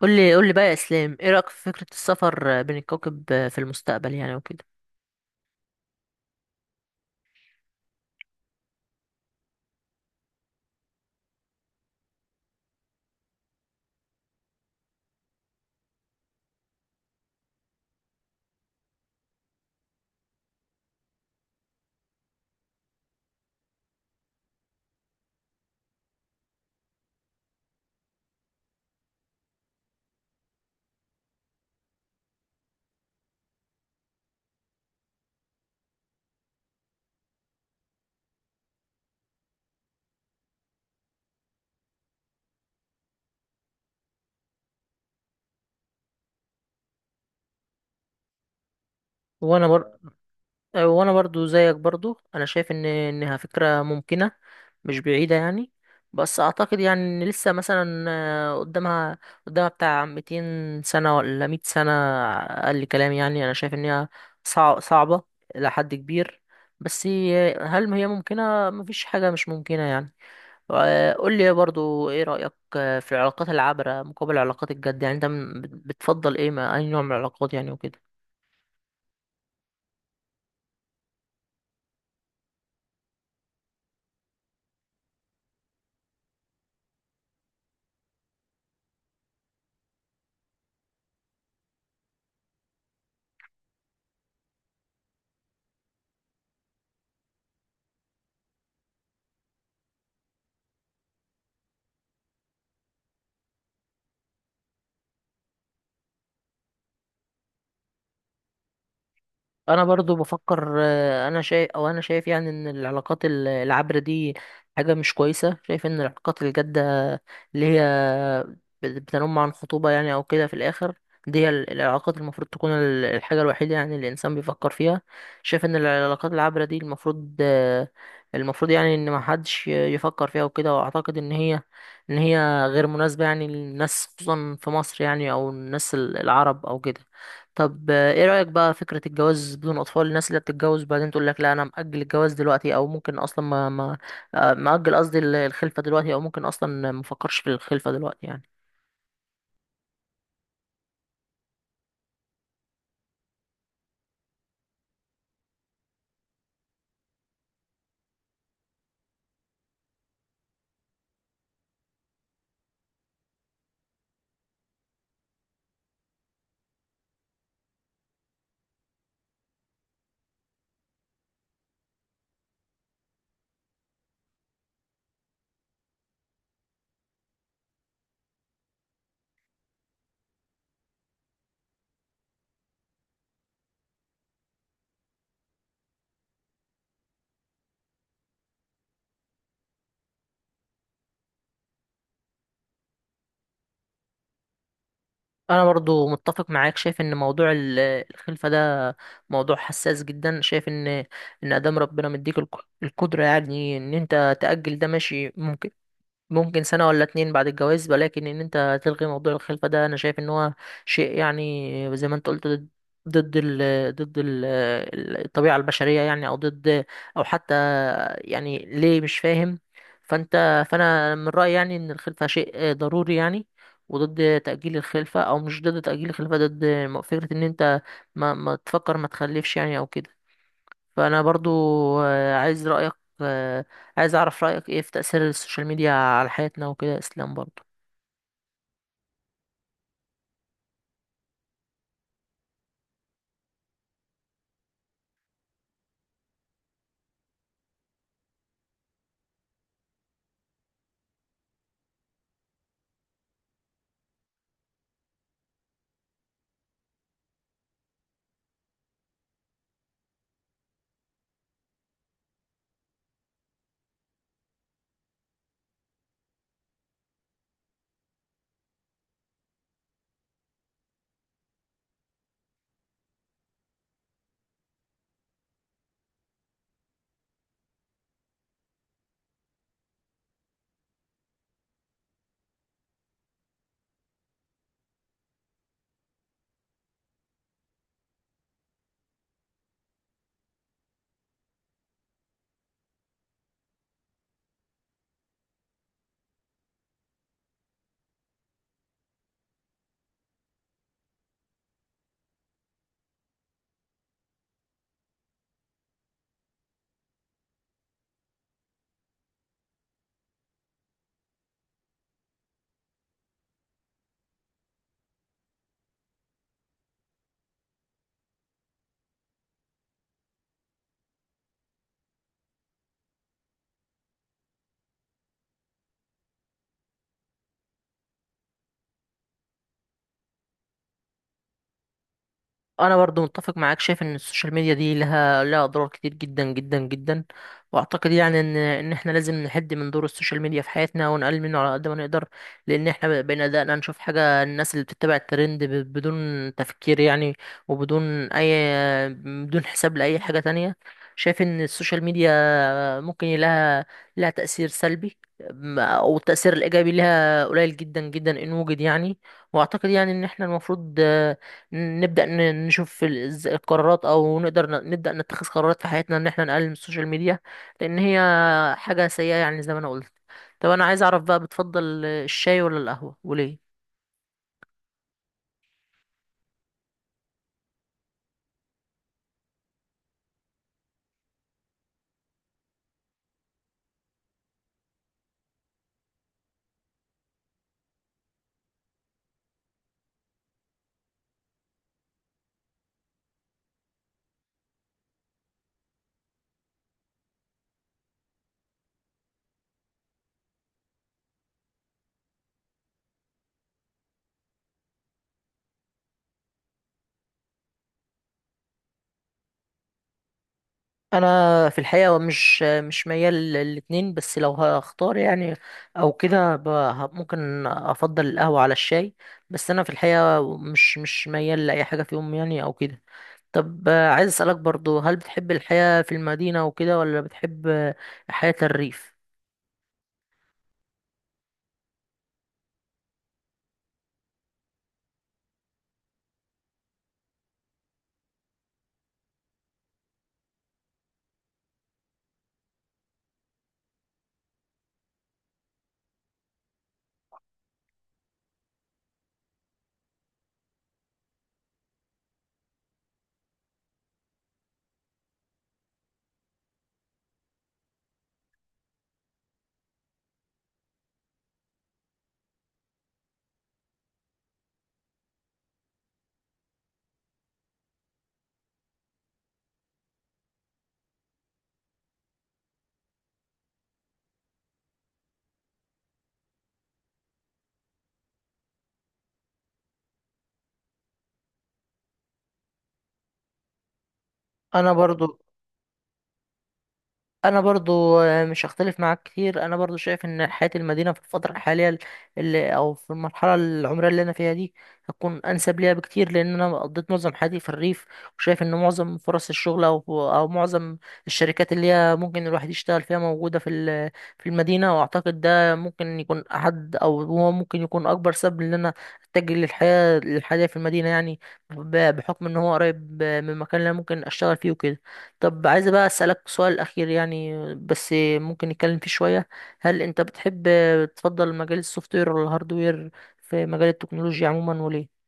قول لي بقى يا اسلام، ايه رايك في فكره السفر بين الكواكب في المستقبل يعني وكده؟ وانا بر... وانا برضو زيك، برضو انا شايف ان انها فكره ممكنه، مش بعيده يعني. بس اعتقد يعني ان لسه مثلا قدامها بتاع 200 سنه ولا 100 سنه اقل كلام يعني. انا شايف ان هي صعبه الى حد كبير، بس هل هي ممكنه؟ مفيش حاجه مش ممكنه يعني. قول لي برضو، ايه رأيك في العلاقات العابرة مقابل العلاقات الجد يعني؟ انت بتفضل ايه، ما اي نوع من العلاقات يعني وكده؟ انا برضو بفكر، انا شايف يعني ان العلاقات العابرة دي حاجة مش كويسة. شايف ان العلاقات الجادة اللي هي بتنم عن خطوبة يعني او كده في الاخر، دي هي العلاقات المفروض تكون الحاجة الوحيدة يعني اللي الانسان بيفكر فيها. شايف ان العلاقات العابرة دي المفروض، المفروض يعني ان ما حدش يفكر فيها وكده. واعتقد ان هي، ان هي غير مناسبة يعني للناس، خصوصا في مصر يعني، او الناس العرب او كده. طب، ايه رأيك بقى فكرة الجواز بدون اطفال؟ الناس اللي بتتجوز بعدين تقول لك لا، انا مأجل الجواز دلوقتي، او ممكن اصلا ما ما آه، مأجل. قصدي الخلفة دلوقتي، او ممكن اصلا ما افكرش في الخلفة دلوقتي يعني. انا برضو متفق معاك. شايف ان موضوع الخلفة ده موضوع حساس جدا. شايف ان ادام ربنا مديك القدرة يعني ان انت تأجل ده، ماشي، ممكن سنة ولا اتنين بعد الجواز. ولكن ان انت تلغي موضوع الخلفة ده، انا شايف ان هو شيء يعني زي ما انت قلت، ضد، ضد ال ضد ال الطبيعة البشرية يعني، او ضد، او حتى يعني ليه، مش فاهم. فانا من رأيي يعني ان الخلفة شيء ضروري يعني، وضد تأجيل الخلفة، او مش ضد تأجيل الخلفة، ضد فكرة ان انت ما تفكر، ما تخلفش يعني او كده. فانا برضو، آه، عايز رايك آه، عايز اعرف رايك ايه في تاثير السوشيال ميديا على حياتنا وكده، اسلام، برضو؟ انا برضو متفق معاك. شايف ان السوشيال ميديا دي لها اضرار كتير جدا جدا جدا. واعتقد يعني ان احنا لازم نحد من دور السوشيال ميديا في حياتنا، ونقلل منه على قد ما نقدر. لان احنا بقينا دقنا نشوف حاجه الناس اللي بتتبع الترند بدون تفكير يعني، وبدون اي بدون حساب لاي حاجه تانية. شايف ان السوشيال ميديا ممكن لها تأثير سلبي. أو التأثير الإيجابي لها قليل جدا جدا، إن وجد يعني. وأعتقد يعني إن إحنا المفروض، نبدأ نشوف القرارات، أو نقدر نبدأ نتخذ قرارات في حياتنا، إن إحنا نقلل من السوشيال ميديا، لأن هي حاجة سيئة يعني زي ما أنا قلت. طب، أنا عايز أعرف بقى، بتفضل الشاي ولا القهوة وليه؟ انا في الحقيقه مش ميال للاتنين، بس لو هختار يعني او كده، ممكن افضل القهوه على الشاي. بس انا في الحقيقه مش ميال لاي حاجه فيهم يعني او كده. طب، عايز اسالك برضو، هل بتحب الحياه في المدينه وكده، ولا بتحب حياه الريف؟ انا برضو انا برضو مش هختلف معاك كتير. انا برضو شايف ان حياة المدينة في الفترة الحالية، او في المرحلة العمرية اللي انا فيها دي، هتكون انسب ليها بكتير، لان انا قضيت معظم حياتي في الريف. وشايف ان معظم فرص الشغل، او معظم الشركات اللي هي ممكن الواحد يشتغل فيها موجودة في المدينة. واعتقد ده ممكن يكون احد، او هو ممكن يكون اكبر سبب ان انا اتجه للحياة في المدينة يعني، بحكم ان هو قريب من المكان اللي انا ممكن اشتغل فيه وكده. طب، عايز بقى أسألك سؤال أخير يعني، بس ممكن نتكلم فيه شوية. هل أنت بتحب تفضل مجال السوفت وير ولا الهارد وير في مجال التكنولوجيا عموما، وليه؟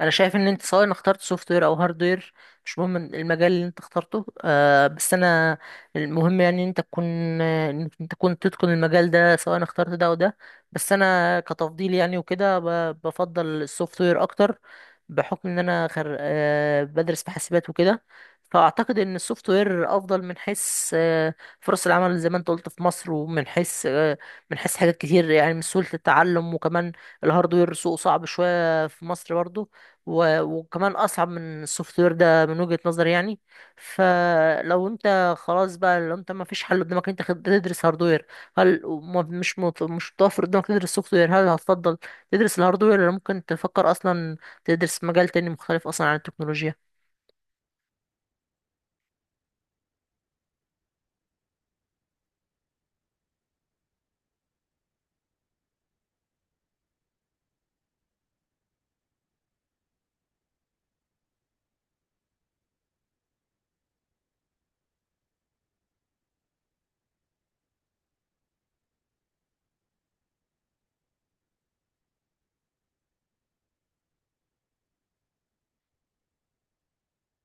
انا شايف ان انت سواء اخترت سوفت وير او هارد وير، مش مهم المجال اللي انت اخترته. بس انا، المهم يعني ان انت تكون تتقن المجال ده سواء اخترت ده او ده. بس انا كتفضيل يعني وكده، بفضل السوفت وير اكتر، بحكم ان انا خر... آه بدرس في حاسبات وكده. فاعتقد ان السوفت وير افضل من حيث فرص العمل زي ما انت قلت في مصر، ومن حيث آه، من حيث حاجات كتير يعني، من سهولة التعلم وكمان الهاردوير سوق صعب شوية في مصر برضو. وكمان اصعب من السوفت وير، ده من وجهة نظري يعني. فلو انت خلاص بقى، لو انت ما فيش حل قدامك انت تدرس هاردوير، هل مش متوفر قدامك تدرس سوفت وير؟ هل هتفضل تدرس الهاردوير، ولا ممكن تفكر اصلا تدرس مجال تاني مختلف اصلا عن التكنولوجيا؟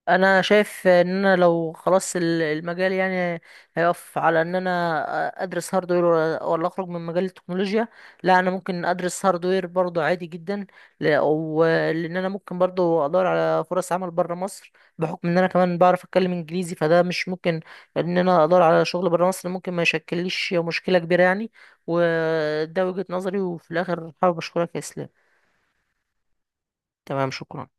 انا شايف ان انا لو خلاص المجال يعني هيقف على ان انا ادرس هاردوير ولا اخرج من مجال التكنولوجيا، لا، انا ممكن ادرس هاردوير برضو عادي جدا. ولان انا ممكن برضو ادور على فرص عمل بره مصر، بحكم ان انا كمان بعرف اتكلم انجليزي، فده مش ممكن، ان انا ادور على شغل بره مصر ممكن ما يشكلليش مشكلة كبيرة يعني. وده وجهة نظري. وفي الاخر، حابب اشكرك يا اسلام. تمام، شكرا.